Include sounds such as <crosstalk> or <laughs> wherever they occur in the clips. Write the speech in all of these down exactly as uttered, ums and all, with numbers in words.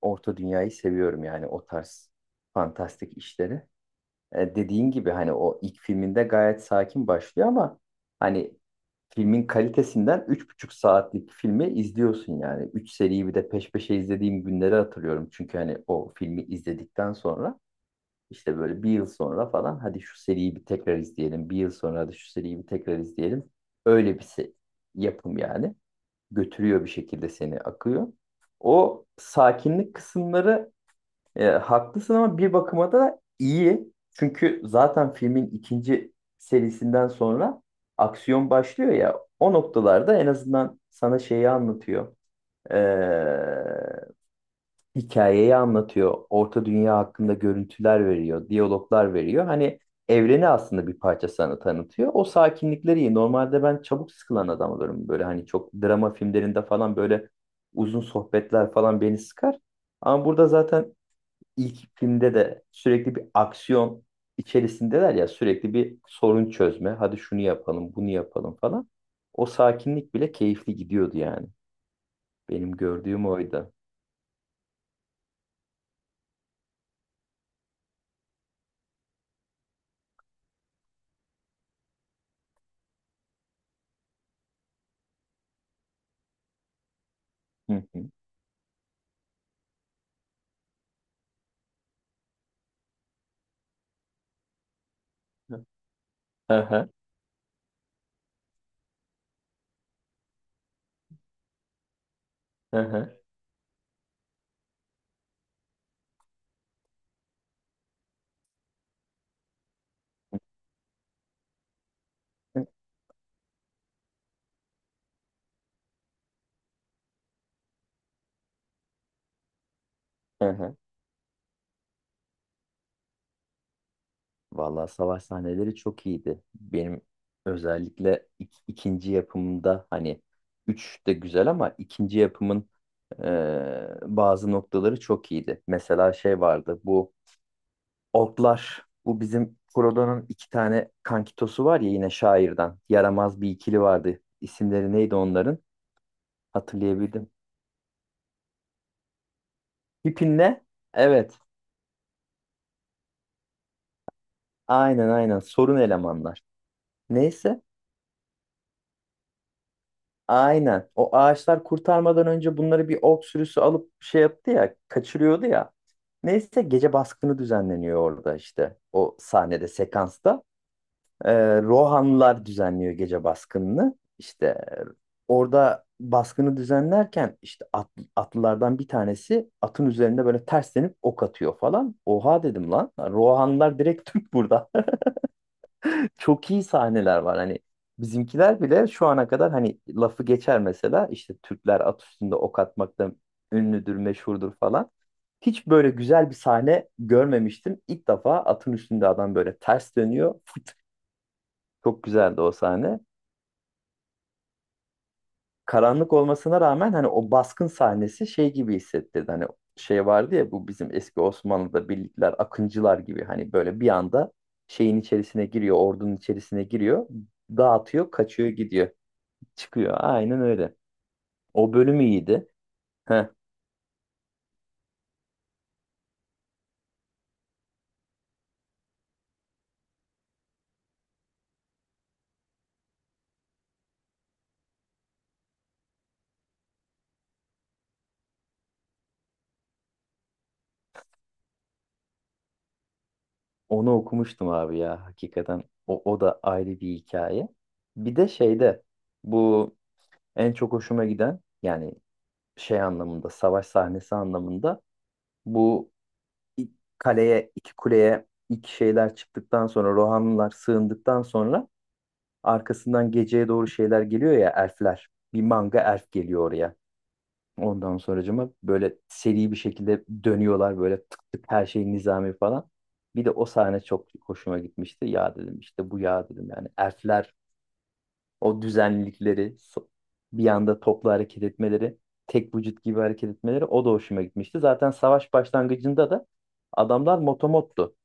Orta Dünya'yı seviyorum yani o tarz fantastik işleri. E, dediğin gibi hani o ilk filminde gayet sakin başlıyor ama hani filmin kalitesinden üç buçuk saatlik filmi izliyorsun yani. Üç seriyi bir de peş peşe izlediğim günleri hatırlıyorum. Çünkü hani o filmi izledikten sonra işte böyle bir yıl sonra falan hadi şu seriyi bir tekrar izleyelim. Bir yıl sonra hadi şu seriyi bir tekrar izleyelim. Öyle bir se- Yapım yani. Götürüyor bir şekilde seni akıyor. O sakinlik kısımları e, haklısın ama bir bakıma da iyi. Çünkü zaten filmin ikinci serisinden sonra aksiyon başlıyor ya. O noktalarda en azından sana şeyi anlatıyor. E, Hikayeyi anlatıyor. Orta Dünya hakkında görüntüler veriyor. Diyaloglar veriyor. Hani evreni aslında bir parça sana tanıtıyor. O sakinlikleri iyi. Normalde ben çabuk sıkılan adam olurum. Böyle hani çok drama filmlerinde falan böyle uzun sohbetler falan beni sıkar. Ama burada zaten ilk filmde de sürekli bir aksiyon içerisindeler ya sürekli bir sorun çözme. Hadi şunu yapalım, bunu yapalım falan. O sakinlik bile keyifli gidiyordu yani. Benim gördüğüm oydu. Hı hı. Hı hı, hı hı, hı hı. Vallahi savaş sahneleri çok iyiydi. Benim özellikle ik- ikinci yapımında hani üç de güzel ama ikinci yapımın e, bazı noktaları çok iyiydi. Mesela şey vardı bu Otlar. Bu bizim Frodo'nun iki tane kankitosu var ya yine şairden. Yaramaz bir ikili vardı. İsimleri neydi onların? Hatırlayabildim. Pippin'le? Evet. Aynen aynen. Sorun elemanlar. Neyse. Aynen. O ağaçlar kurtarmadan önce bunları bir ork sürüsü alıp şey yaptı ya, kaçırıyordu ya. Neyse gece baskını düzenleniyor orada işte. O sahnede, sekansta. Ee, Rohanlılar düzenliyor gece baskınını. İşte e, orada baskını düzenlerken işte at- atlılardan bir tanesi atın üzerinde böyle terslenip ok atıyor falan. Oha dedim lan. Rohanlılar direkt Türk burada. <laughs> Çok iyi sahneler var. Hani bizimkiler bile şu ana kadar hani lafı geçer mesela işte Türkler at üstünde ok atmakta ünlüdür, meşhurdur falan. Hiç böyle güzel bir sahne görmemiştim. İlk defa atın üstünde adam böyle ters dönüyor. Çok güzeldi o sahne. Karanlık olmasına rağmen hani o baskın sahnesi şey gibi hissettirdi. Hani şey vardı ya bu bizim eski Osmanlı'da birlikler, akıncılar gibi hani böyle bir anda şeyin içerisine giriyor, ordunun içerisine giriyor, dağıtıyor, kaçıyor, gidiyor, çıkıyor. Aynen öyle. O bölüm iyiydi. Heh, onu okumuştum abi ya hakikaten. O, o da ayrı bir hikaye. Bir de şeyde bu en çok hoşuma giden yani şey anlamında savaş sahnesi anlamında bu ilk kaleye, iki kuleye ilk şeyler çıktıktan sonra Rohanlılar sığındıktan sonra arkasından geceye doğru şeyler geliyor ya elfler. Bir manga elf geliyor oraya. Ondan sonracıma böyle seri bir şekilde dönüyorlar böyle tık tık her şey nizami falan. Bir de o sahne çok hoşuma gitmişti. Ya dedim işte bu ya dedim yani elfler o düzenlilikleri so- bir anda toplu hareket etmeleri tek vücut gibi hareket etmeleri o da hoşuma gitmişti. Zaten savaş başlangıcında da adamlar motomottu.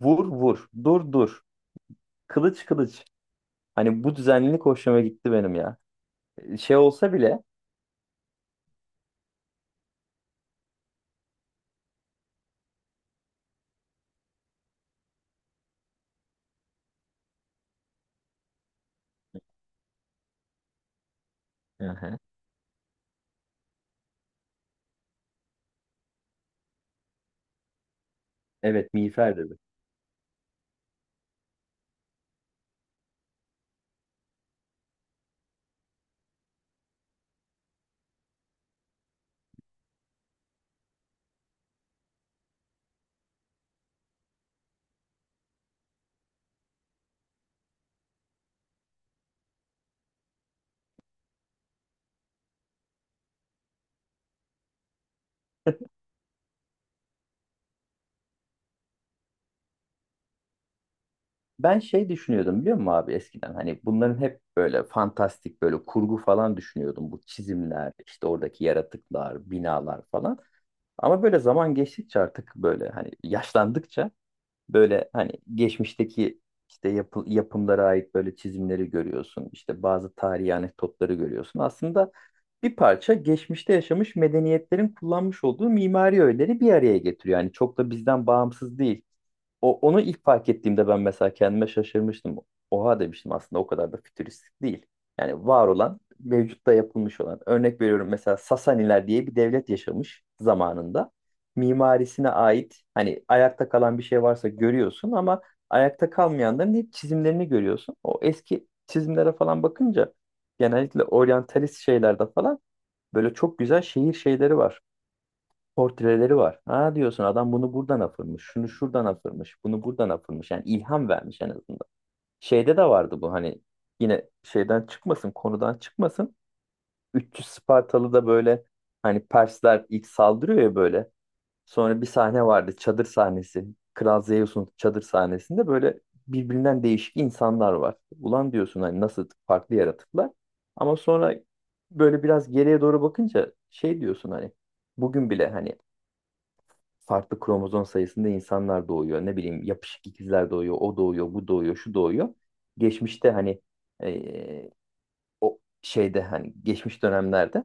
Vur vur. Dur dur. Kılıç kılıç. Hani bu düzenlilik hoşuma gitti benim ya. Ee, Şey olsa bile. Hı hı. Evet miğfer dedi. Ben şey düşünüyordum biliyor musun abi eskiden hani bunların hep böyle fantastik böyle kurgu falan düşünüyordum. Bu çizimler işte oradaki yaratıklar binalar falan. Ama böyle zaman geçtikçe artık böyle hani yaşlandıkça böyle hani geçmişteki işte yapı- yapımlara ait böyle çizimleri görüyorsun. İşte bazı tarihi anekdotları görüyorsun. Aslında bir parça geçmişte yaşamış medeniyetlerin kullanmış olduğu mimari öğeleri bir araya getiriyor. Yani çok da bizden bağımsız değil. O, onu ilk fark ettiğimde ben mesela kendime şaşırmıştım. Oha demiştim aslında o kadar da fütüristik değil. Yani var olan, mevcutta yapılmış olan. Örnek veriyorum mesela Sasaniler diye bir devlet yaşamış zamanında mimarisine ait hani ayakta kalan bir şey varsa görüyorsun ama ayakta kalmayanların hep çizimlerini görüyorsun. O eski çizimlere falan bakınca genellikle oryantalist şeylerde falan böyle çok güzel şehir şeyleri var. Portreleri var. Ha diyorsun adam bunu buradan afırmış, şunu şuradan afırmış, bunu buradan afırmış. Yani ilham vermiş en azından. Şeyde de vardı bu hani yine şeyden çıkmasın, konudan çıkmasın. üç yüz Spartalı da böyle hani Persler ilk saldırıyor ya böyle. Sonra bir sahne vardı. Çadır sahnesi. Kral Zeus'un çadır sahnesinde böyle birbirinden değişik insanlar var. Ulan diyorsun hani nasıl farklı yaratıklar. Ama sonra böyle biraz geriye doğru bakınca şey diyorsun hani bugün bile hani farklı kromozom sayısında insanlar doğuyor. Ne bileyim yapışık ikizler doğuyor. O doğuyor, bu doğuyor, şu doğuyor. Geçmişte hani eee, o şeyde hani geçmiş dönemlerde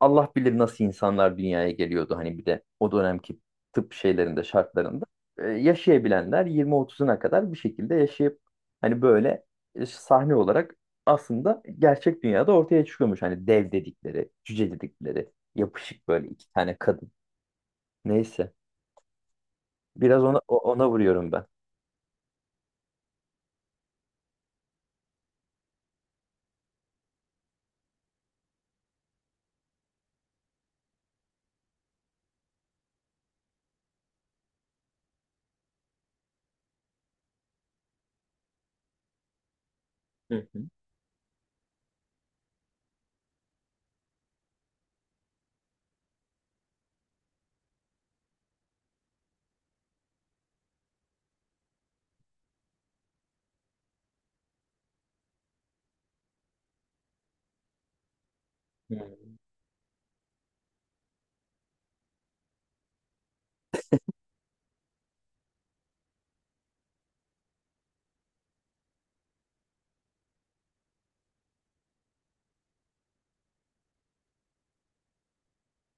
Allah bilir nasıl insanlar dünyaya geliyordu hani bir de o dönemki tıp şeylerinde şartlarında Ee, yaşayabilenler yirmi otuzuna kadar bir şekilde yaşayıp hani böyle e, sahne olarak aslında gerçek dünyada ortaya çıkıyormuş. Hani dev dedikleri, cüce dedikleri, yapışık böyle iki tane kadın. Neyse. Biraz ona o- ona vuruyorum ben. Hı hı. Hı.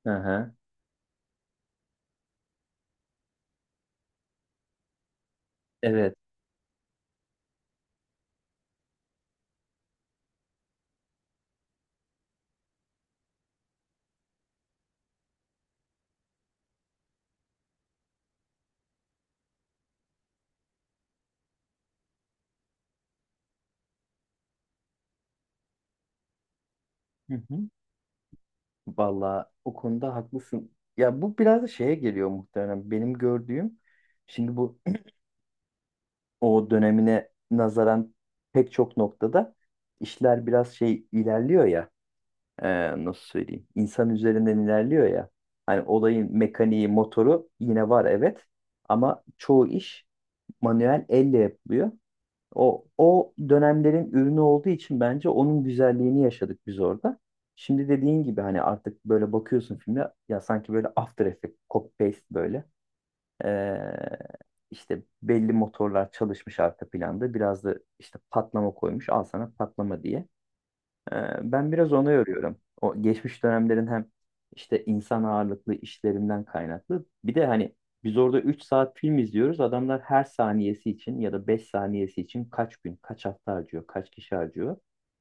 Hı. Evet. Hı hı. Vallahi o konuda haklısın. Ya bu biraz da şeye geliyor muhtemelen. Benim gördüğüm şimdi bu o dönemine nazaran pek çok noktada işler biraz şey ilerliyor ya e, nasıl söyleyeyim insan üzerinden ilerliyor ya hani olayın mekaniği motoru yine var evet ama çoğu iş manuel elle yapılıyor. O, o dönemlerin ürünü olduğu için bence onun güzelliğini yaşadık biz orada. Şimdi dediğin gibi hani artık böyle bakıyorsun filme ya sanki böyle After Effects, copy paste böyle. Ee, işte belli motorlar çalışmış arka planda. Biraz da işte patlama koymuş. Al sana patlama diye. Ee, Ben biraz ona yoruyorum. O geçmiş dönemlerin hem işte insan ağırlıklı işlerinden kaynaklı. Bir de hani biz orada üç saat film izliyoruz. Adamlar her saniyesi için ya da beş saniyesi için kaç gün, kaç hafta harcıyor, kaç kişi harcıyor.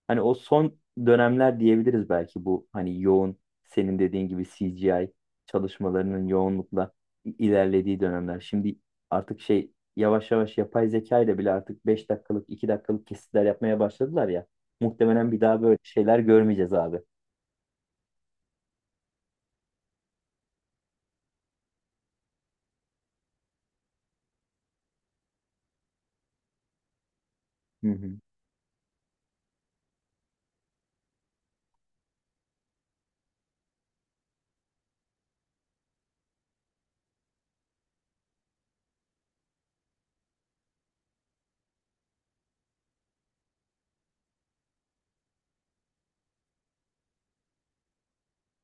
Hani o son dönemler diyebiliriz belki bu hani yoğun senin dediğin gibi C G I çalışmalarının yoğunlukla i- ilerlediği dönemler. Şimdi artık şey yavaş yavaş yapay zeka ile bile artık beş dakikalık, iki dakikalık kesitler yapmaya başladılar ya. Muhtemelen bir daha böyle şeyler görmeyeceğiz abi. Hı hı.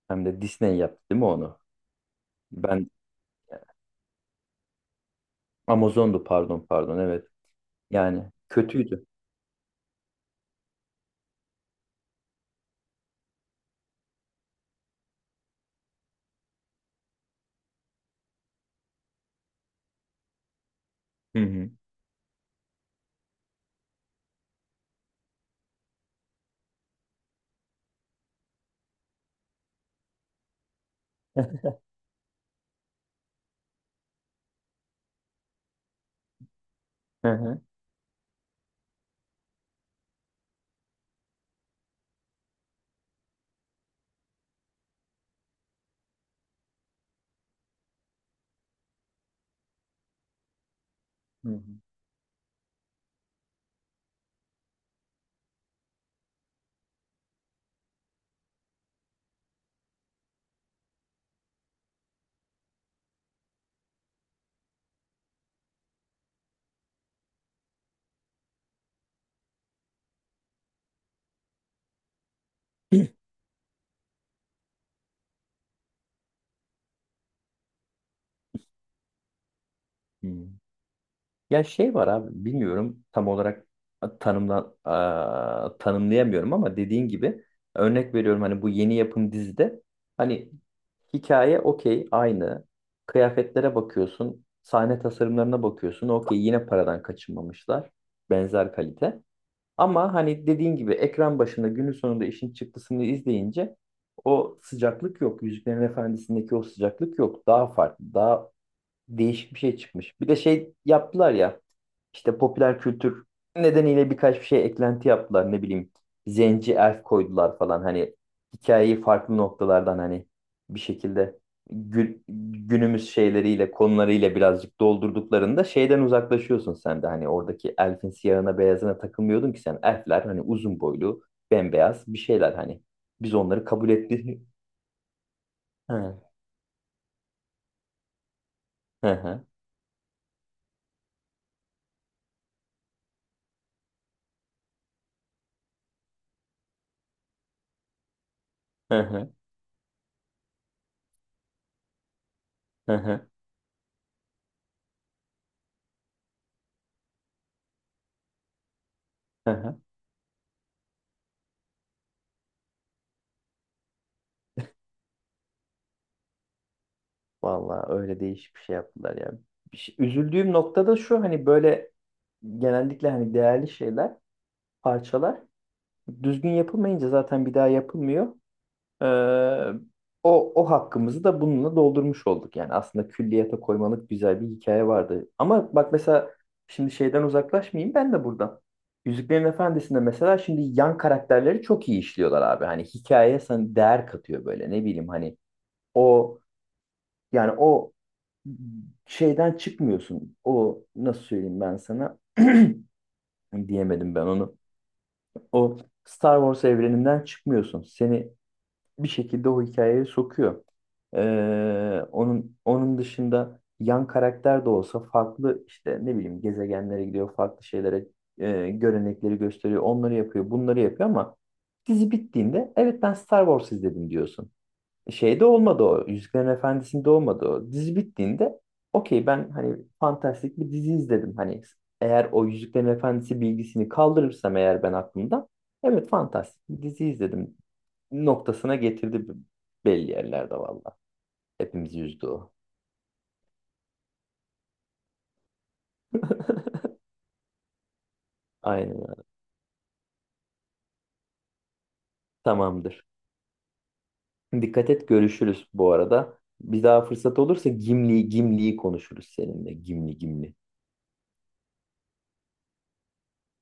Hem de Disney yaptı değil mi onu? Ben Amazon'du pardon pardon evet. Yani kötüydü. Hı hı. <laughs> Hı hı. Hı hı. Hı. Ya şey var abi bilmiyorum tam olarak tanımla, a- tanımlayamıyorum ama dediğin gibi örnek veriyorum hani bu yeni yapım dizide hani hikaye okey aynı kıyafetlere bakıyorsun sahne tasarımlarına bakıyorsun okey yine paradan kaçınmamışlar benzer kalite. Ama hani dediğin gibi ekran başında günün sonunda işin çıktısını izleyince o sıcaklık yok. Yüzüklerin Efendisi'ndeki o sıcaklık yok. Daha farklı, daha değişik bir şey çıkmış. Bir de şey yaptılar ya. İşte popüler kültür nedeniyle birkaç bir şey eklenti yaptılar. Ne bileyim zenci elf koydular falan. Hani hikayeyi farklı noktalardan hani bir şekilde gü- günümüz şeyleriyle konularıyla birazcık doldurduklarında şeyden uzaklaşıyorsun sen de. Hani oradaki elfin siyahına beyazına takılmıyordun ki sen. Elfler hani uzun boylu bembeyaz bir şeyler hani. Biz onları kabul ettik. <laughs> Hı hı hı hı hı hı. Hı hı. Vallahi öyle değişik bir şey yaptılar ya. Bir şey- Üzüldüğüm nokta da şu hani böyle genellikle hani değerli şeyler, parçalar düzgün yapılmayınca zaten bir daha yapılmıyor. Ee, o, o hakkımızı da bununla doldurmuş olduk. Yani aslında külliyata koymalık güzel bir hikaye vardı. Ama bak mesela şimdi şeyden uzaklaşmayayım ben de buradan. Yüzüklerin Efendisi'nde mesela şimdi yan karakterleri çok iyi işliyorlar abi. Hani hikayeye sana değer katıyor böyle ne bileyim hani o yani o şeyden çıkmıyorsun. O nasıl söyleyeyim ben sana? <clears throat> Diyemedim ben onu. O Star Wars evreninden çıkmıyorsun. Seni bir şekilde o hikayeye sokuyor. Ee, onun onun dışında yan karakter de olsa farklı işte ne bileyim gezegenlere gidiyor, farklı şeylere e, görenekleri gösteriyor, onları yapıyor, bunları yapıyor ama dizi bittiğinde evet ben Star Wars izledim diyorsun. Şeyde olmadı o. Yüzüklerin Efendisi'nde olmadı o. Dizi bittiğinde okey ben hani fantastik bir dizi izledim. Hani eğer o Yüzüklerin Efendisi bilgisini kaldırırsam eğer ben aklımda evet fantastik bir dizi izledim noktasına getirdi belli yerlerde valla. Hepimizi üzdü o. Aynen. Tamamdır. Dikkat et görüşürüz bu arada. Bir daha fırsat olursa Gimli Gimli'yi konuşuruz seninle. Gimli Gimli.